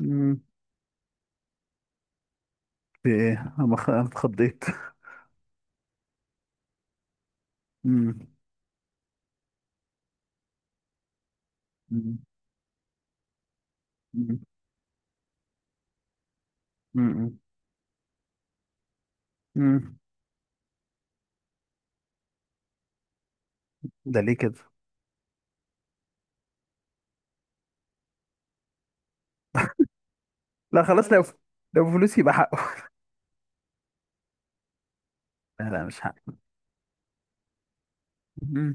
مم. في ايه؟ أنا اتخضيت. مم. مم. مم. مم. مم. ده ليه كده؟ لا، خلاص. لو فلوس يبقى حقه. لا، لا، مش حقه. مم.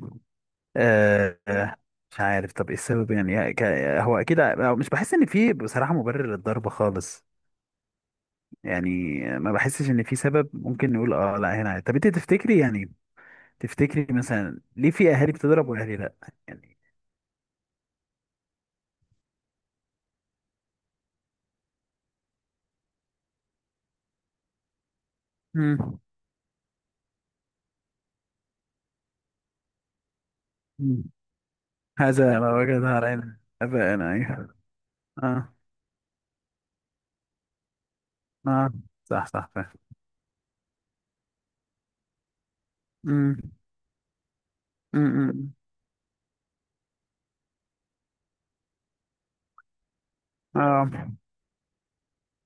آه، آه، مش عارف. طب، ايه السبب؟ هو اكيد، مش بحس ان في بصراحة مبرر للضرب خالص. يعني ما بحسش ان في سبب ممكن نقول اه لا هنا. طب، انت تفتكري مثلا ليه في اهالي بتضرب واهالي لا؟ يعني مم. مم. هذا ما وجدها علينا اباءنا. ايوه، اه، اه، صح، صح، فاهم. امم امم اه.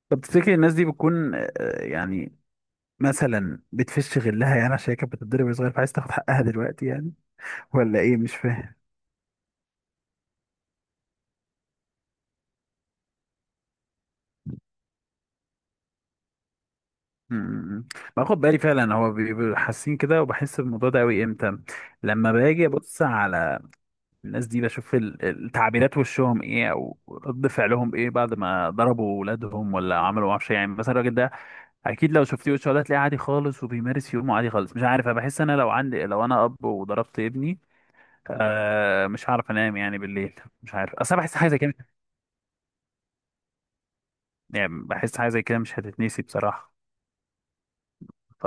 طب، تفتكر الناس دي بتكون، يعني مثلا بتفش غلها؟ يعني عشان هي كانت بتتضرب وهي صغير، فعايز تاخد حقها دلوقتي يعني. ولا ايه؟ مش فاهم. امم باخد بالي فعلا. هو بيبقوا حاسين كده، وبحس بالموضوع ده قوي امتى؟ لما باجي ابص على الناس دي، بشوف التعبيرات وشهم ايه او رد فعلهم ايه بعد ما ضربوا ولادهم ولا عملوا معرفش إيه. يعني مثلا الراجل ده، اكيد لو شفتيه وشه ده تلاقيه عادي خالص وبيمارس يومه عادي خالص. مش عارف، انا بحس انا لو عندي، لو انا اب وضربت ابني، آه، مش هعرف انام يعني بالليل. مش عارف، اصل أنا بحس حاجه زي كده. يعني بحس حاجه زي كده مش هتتنسي بصراحه. ف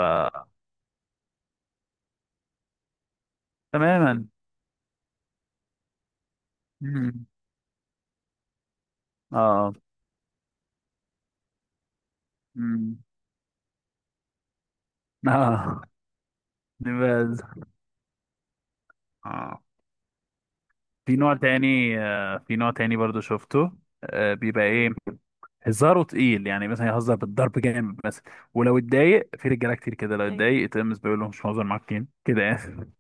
تماما. مم. اه. مم. اه. بس آه. في نوع تاني، آه، في نوع تاني برضو شفته. آه، بيبقى ايه؟ هزاره تقيل، يعني مثلا يهزر بالضرب جامد مثلا. ولو اتضايق في رجاله كتير كده، لو ايوه اتضايق، تقوم بيقول له مش مهزر معاك كده كده يعني.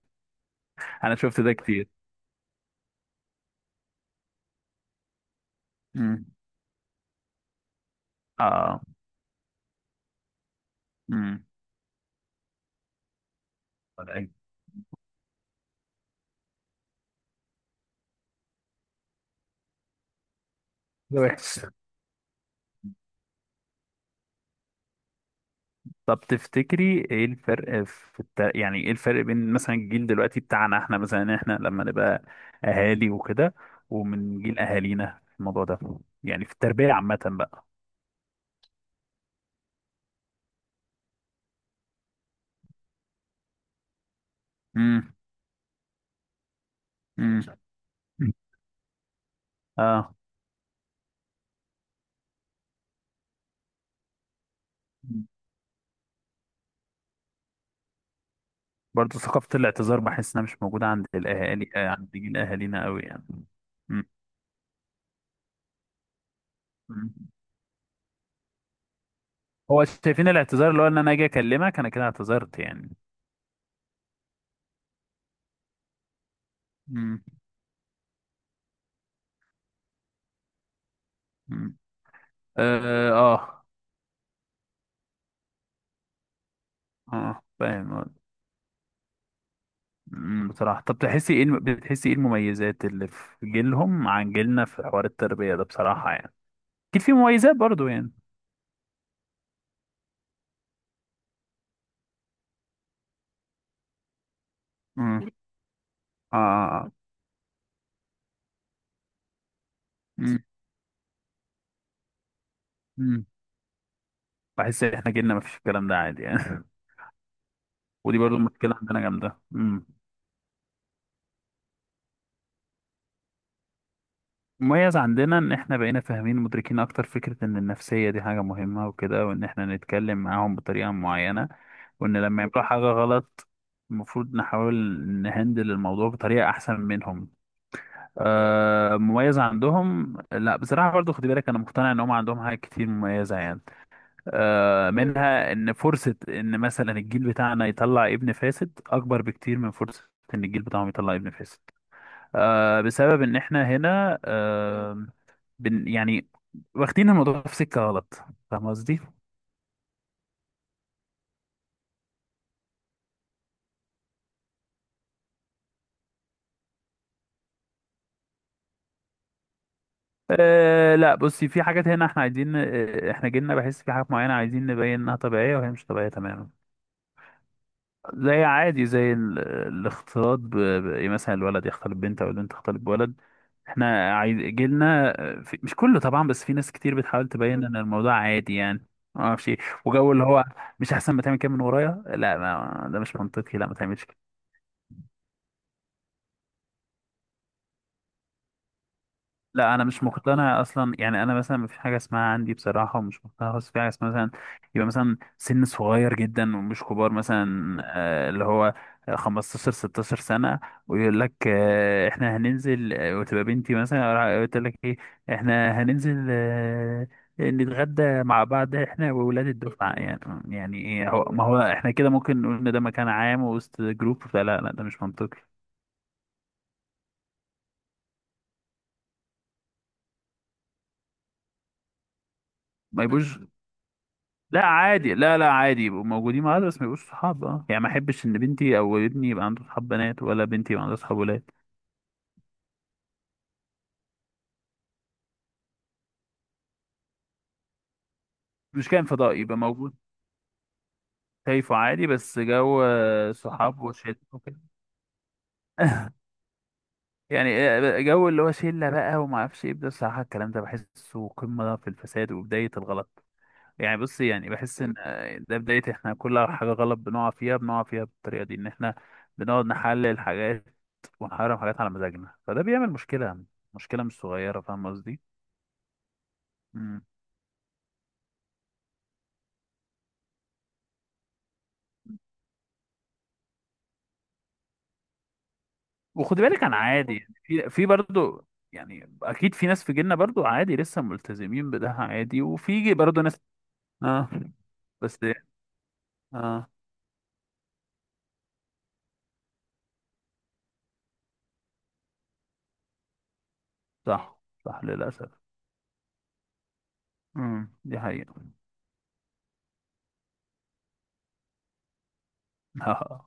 انا شفت ده كتير. امم اه. امم ده ده وحش. طب، تفتكري ايه الفرق في يعني ايه الفرق بين مثلا الجيل دلوقتي بتاعنا، احنا مثلا احنا لما نبقى اهالي وكده، ومن جيل اهالينا في الموضوع ده؟ يعني في التربية عامة بقى. امم امم اه، برضه ثقافة الاعتذار بحس انها مش موجودة عند الاهالي، عند جيل اهالينا قوي يعني. م. امم هو شايفين الاعتذار اللي هو ان انا اجي اكلمك انا، كده اعتذرت يعني؟ مم. مم. اه، اه، آه، فاهم، آه. بصراحة، طب تحسي ايه بتحسي ايه المميزات اللي في جيلهم عن جيلنا في حوار التربية ده بصراحة يعني؟ اكيد في مميزات برضو يعني. امم اه، آه، آه. أمم، أمم. بحس احنا جيلنا مفيش الكلام ده عادي يعني. ودي برضو مشكلة عندنا جامدة. مميز عندنا ان احنا بقينا فاهمين مدركين اكتر فكرة ان النفسية دي حاجة مهمة وكده، وان احنا نتكلم معاهم بطريقة معينة، وان لما يعملوا حاجة غلط المفروض نحاول نهندل الموضوع بطريقة احسن منهم. آه مميز عندهم، لا بصراحة برضو خدي بالك، انا مقتنع ان هم عندهم حاجات كتير مميزة يعني. آه مم. منها ان فرصة ان مثلا الجيل بتاعنا يطلع ابن فاسد اكبر بكتير من فرصة ان الجيل بتاعهم يطلع ابن فاسد. آه بسبب ان احنا هنا، آه بن يعني، واخدين الموضوع في سكة غلط. فاهم قصدي؟ أه لا، بصي، في حاجات هنا احنا عايزين، احنا جيلنا بحس في حاجات معينة عايزين نبين انها طبيعية وهي مش طبيعية تماما. زي عادي، زي الاختلاط إيه، مثلا الولد يختلط ببنت او البنت تختلط بولد. احنا عايز جيلنا، مش كله طبعا، بس في ناس كتير بتحاول تبين ان الموضوع عادي يعني ما اعرفش إيه. وجو اللي هو مش احسن ما تعمل كده من ورايا، لا ما... ده مش منطقي، لا ما تعملش. لا، انا مش مقتنع اصلا، يعني انا مثلا مفيش حاجه اسمها عندي بصراحه، ومش مقتنع خالص في حاجه اسمها مثلا يبقى مثلا سن صغير جدا ومش كبار، مثلا اللي هو 15 16 سنه، ويقول لك، احنا هننزل، وتبقى بنتي مثلا قلت لك ايه، احنا هننزل، نتغدى مع بعض احنا وولاد الدفعه يعني. يعني ايه، هو ما هو احنا كده ممكن نقول ان ده مكان عام وسط جروب؟ فلا، لا، ده مش منطقي. ما يبقوش، لا عادي، لا، لا، عادي يبقوا موجودين معايا، بس ما يبقوش صحاب. اه يعني ما احبش ان بنتي او ابني يبقى عنده صحاب بنات، ولا بنتي يبقى عندها صحاب ولاد. مش كائن فضائي، يبقى موجود، شايفه عادي، بس جو، صحاب وشله وكده. يعني، جو اللي هو شله بقى وما اعرفش ايه ده، الصراحه الكلام ده بحسه قمه في الفساد وبدايه الغلط. يعني بص، يعني بحس ان ده بداية. احنا كل حاجة غلط بنقع فيها، بنقع فيها بالطريقة دي، ان احنا بنقعد نحلل حاجات ونحرم حاجات على مزاجنا، فده بيعمل مشكلة، مشكلة مش صغيرة. فاهم قصدي؟ مم. وخد بالك انا عادي، يعني في برضه، يعني اكيد في ناس في جيلنا برضه عادي لسه ملتزمين بده عادي، وفي برضه ناس. اه. بس. اه، صح، صح، للأسف. مم. دي حقيقة.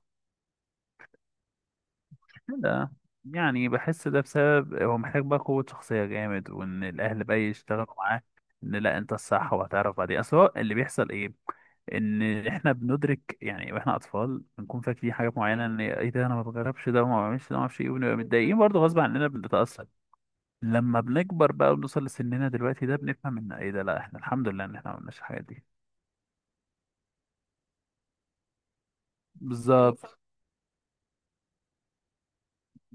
لا يعني بحس ده بسبب هو محتاج بقى قوة شخصية جامد، وإن الأهل بقى يشتغلوا معاه، إن لا أنت الصح وهتعرف بعدين. أصل هو اللي بيحصل إيه، إن إحنا بندرك يعني وإحنا أطفال بنكون فاكرين حاجات معينة، إن إيه ده، أنا ما بجربش ده وما بعملش ده وما أعرفش إيه. وبنبقى متضايقين برضه غصب عننا بنتأثر. لما بنكبر بقى وبنوصل لسننا دلوقتي ده، بنفهم إن إيه ده، لا إحنا الحمد لله إن إحنا ما عملناش الحاجات دي. بالظبط.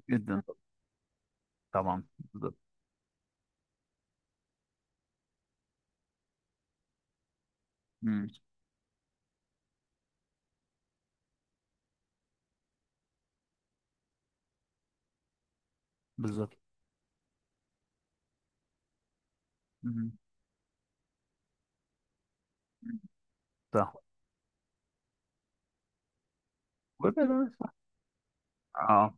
جدا. طبعا. بالظبط. مم. بالظبط. مم. صح. ويبقى ده صح. اه.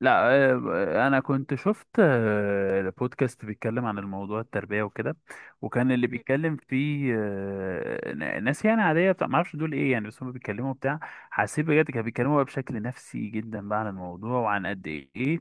لا، انا كنت شفت، بودكاست بيتكلم عن الموضوع التربية وكده، وكان اللي مم. بيتكلم فيه، ناس يعني عادية بتاع ما اعرفش دول ايه يعني بس هم بيتكلموا بتاع. حسيت بجد كانوا بيتكلموا بقى بشكل نفسي جدا بقى عن الموضوع، وعن قد ايه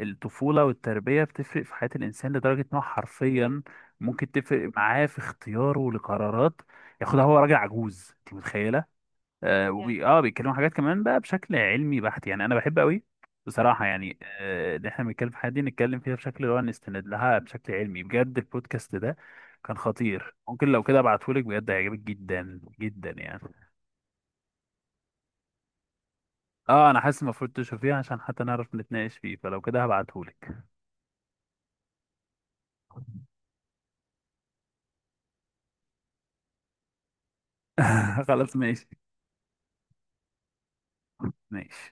الطفولة والتربية بتفرق في حياة الانسان، لدرجة ان هو حرفيا ممكن تفرق معاه في اختياره لقرارات ياخدها هو راجل عجوز، انت متخيلة؟ آه يعني، وبي اه بيتكلموا حاجات كمان بقى بشكل علمي بحت، يعني انا بحب قوي بصراحه يعني، ان احنا بنتكلم في حاجه دي نتكلم فيها بشكل اللي هو نستند لها بشكل علمي بجد. البودكاست ده كان خطير، ممكن لو كده ابعتهولك، بجد هيعجبك جدا جدا يعني. اه انا حاسس المفروض تشوفيه عشان حتى نعرف نتناقش فيه، فلو كده هبعتهولك. خلاص، ماشي. ماشي.